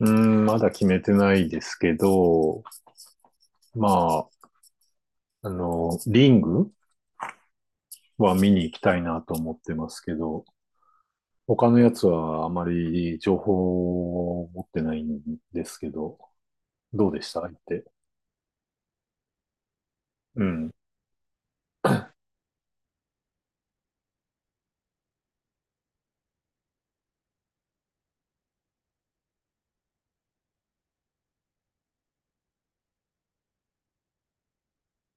うーん、まだ決めてないですけど、まあ、リングは見に行きたいなと思ってますけど、他のやつはあまり情報を持ってないんですけど、どうでした、相手？うん。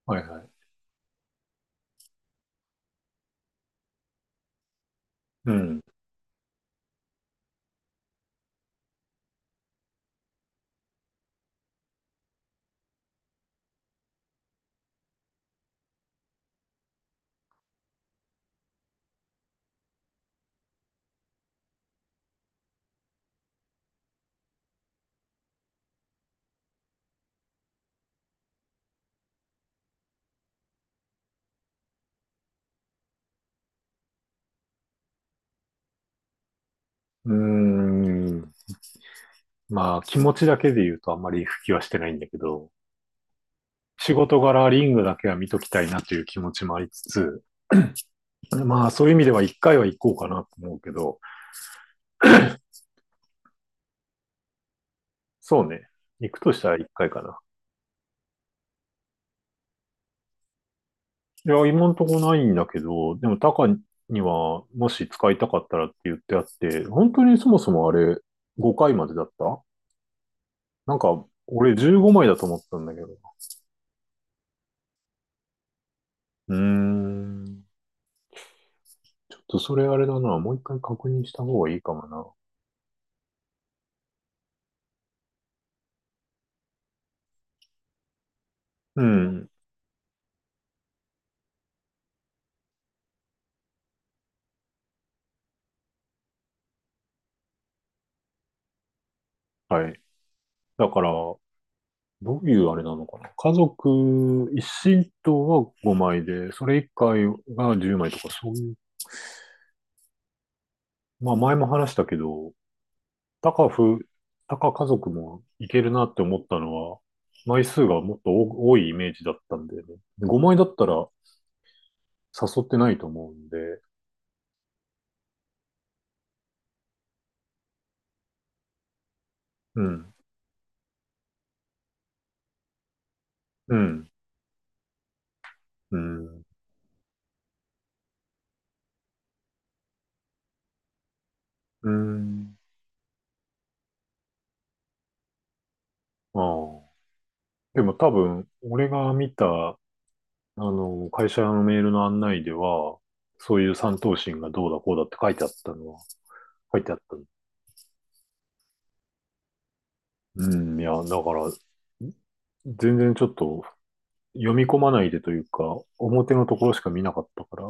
はいはい。うん。うーん。まあ、気持ちだけで言うとあんまり復帰はしてないんだけど、仕事柄リングだけは見ときたいなという気持ちもありつつ、まあ、そういう意味では一回は行こうかなと思うけど。そうね。行くとしたら一回かな。いや、今んとこないんだけど、でもタカにはもし使いたかったらって言ってあって、本当にそもそもあれ、5回までだった？なんか俺、15枚だと思ったんだけど。うーん。ちょっとそれあれだな。もう一回確認した方がいいかもな。うん。はい。だから、どういうあれなのかな。家族一親等は5枚で、それ以外が10枚とか、そういう。まあ前も話したけど、タカフ、タカ家族もいけるなって思ったのは、枚数がもっと多いイメージだったんでね。5枚だったら誘ってないと思うんで。うん、うん、うん、うん、ああ。でも多分、俺が見た、会社のメールの案内では、そういう三等身がどうだこうだって書いてあったの。うん、いや、だから、全然ちょっと読み込まないでというか、表のところしか見なかったから。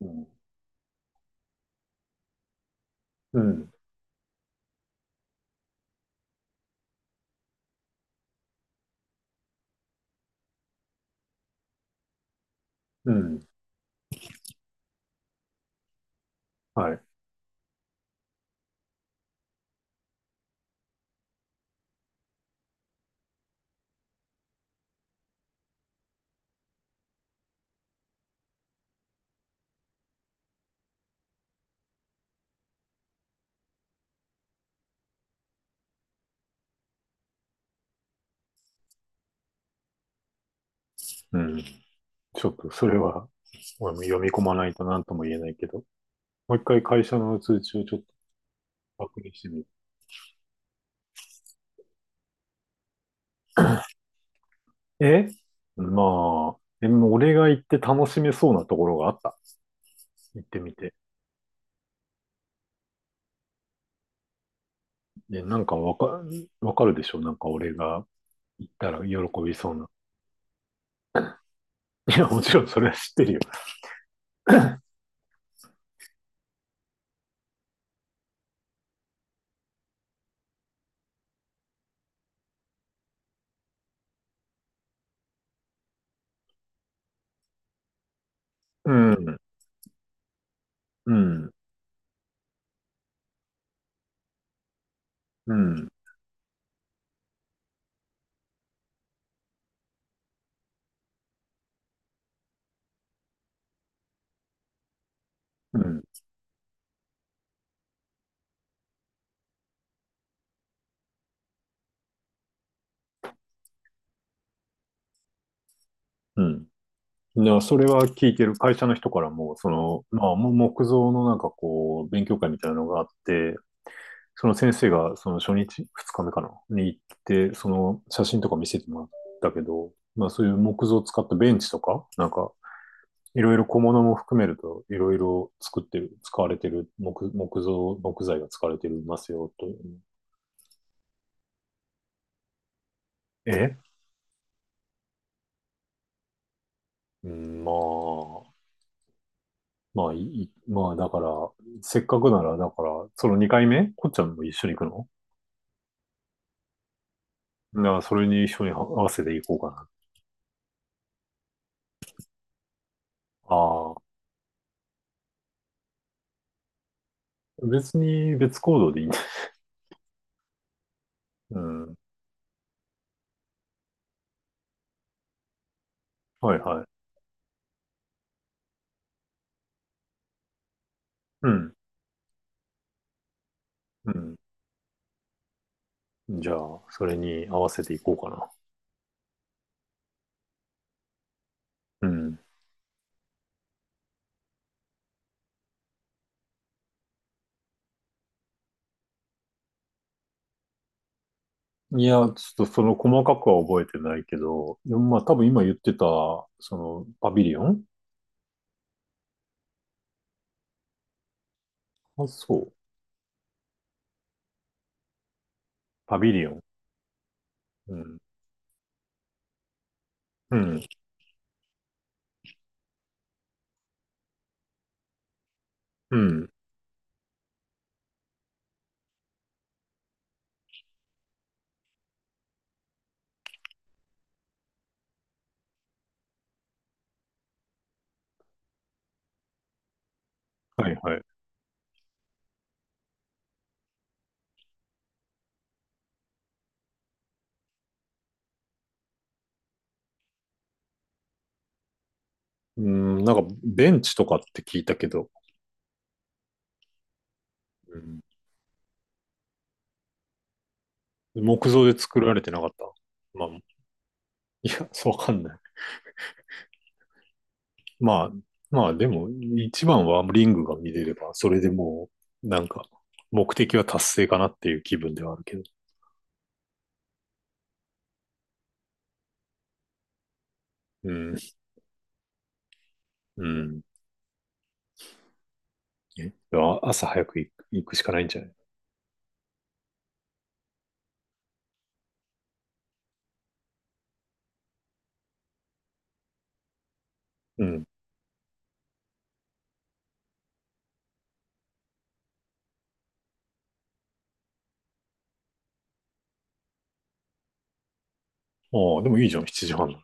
うんうん、うん、はい、うん。ちょっとそれは、俺も読み込まないと何とも言えないけど、もう一回会社の通知をちょっと確認してみる。えまあ、でも俺が行って楽しめそうなところがあった。行ってみて。で、わかるでしょ、なんか俺が行ったら喜びそうな。いや、もちろんそれは知ってるよ。うん、うん、うん、うん、うん。いや、それは聞いてる。会社の人からも、その、まあ、もう木造のなんかこう、勉強会みたいなのがあって、その先生がその初日、二日目かなに行って、その写真とか見せてもらったけど、まあそういう木造を使ったベンチとか、なんかいろいろ小物も含めるといろいろ作ってる、使われてる木材が使われてるますよという。えうん、まあ、まあいまあだから、せっかくなら、だから、その2回目こっちゃんも一緒に行くの？だからそれに一緒に合わせていこうかな。ああ、別に別行動でいいんだ。うん。はいはい。うん。うん。じゃあ、それに合わせていこうかな。うん。いや、ちょっとその細かくは覚えてないけど、でもまあ多分今言ってた、そのパビリオン。あ、そう。パビリオン。うん。うん。うん。はいはい。うん、なんかベンチとかって聞いたけど。うん、木造で作られてなかった？まあ、いや、そうわかんない。まあ、まあでも、一番はリングが見れれば、それでもう、なんか、目的は達成かなっていう気分ではあるけど。うん、うん。え朝早く行くしかないんじゃない？うん。ああ、でもいいじゃん、7時半。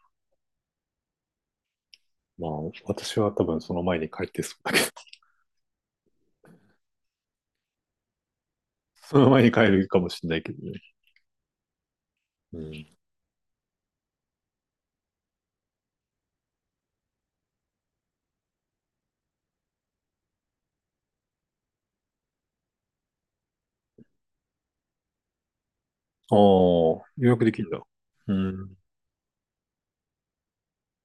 まあ、私は多分その前に帰ってそうだけど、その前に帰るかもしれないけどね。うん。ああ、予約できるんだ。うん。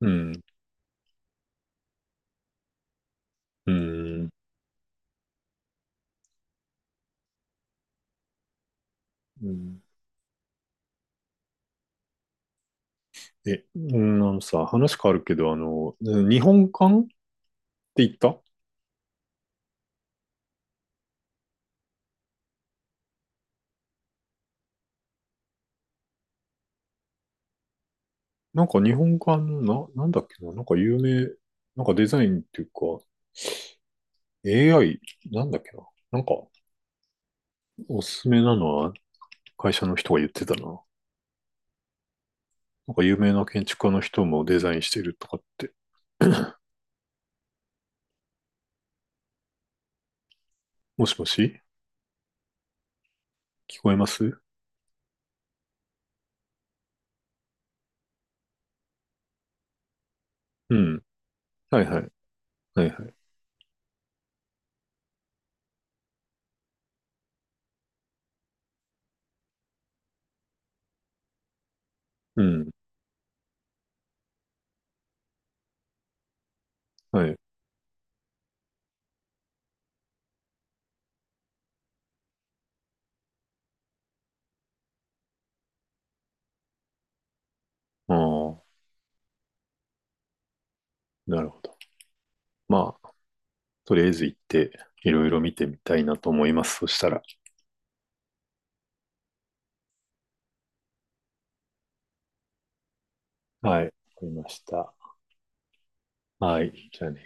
うん。うん。うん。うん、あのさ、話変わるけど、あの、日本館って言った？なんか日本館の、なんだっけな、なんか有名、なんかデザインっていうか、AI、なんだっけな、なんかおすすめなのは会社の人が言ってたな。なんか有名な建築家の人もデザインしてるとかって。もしもし、聞こえます？うん。はいはい。はいはい。うん。はい。ああ、なるほど。まあ、とりあえず行って、いろいろ見てみたいなと思います。そしたら。はい。わかりました。はい。じゃあね。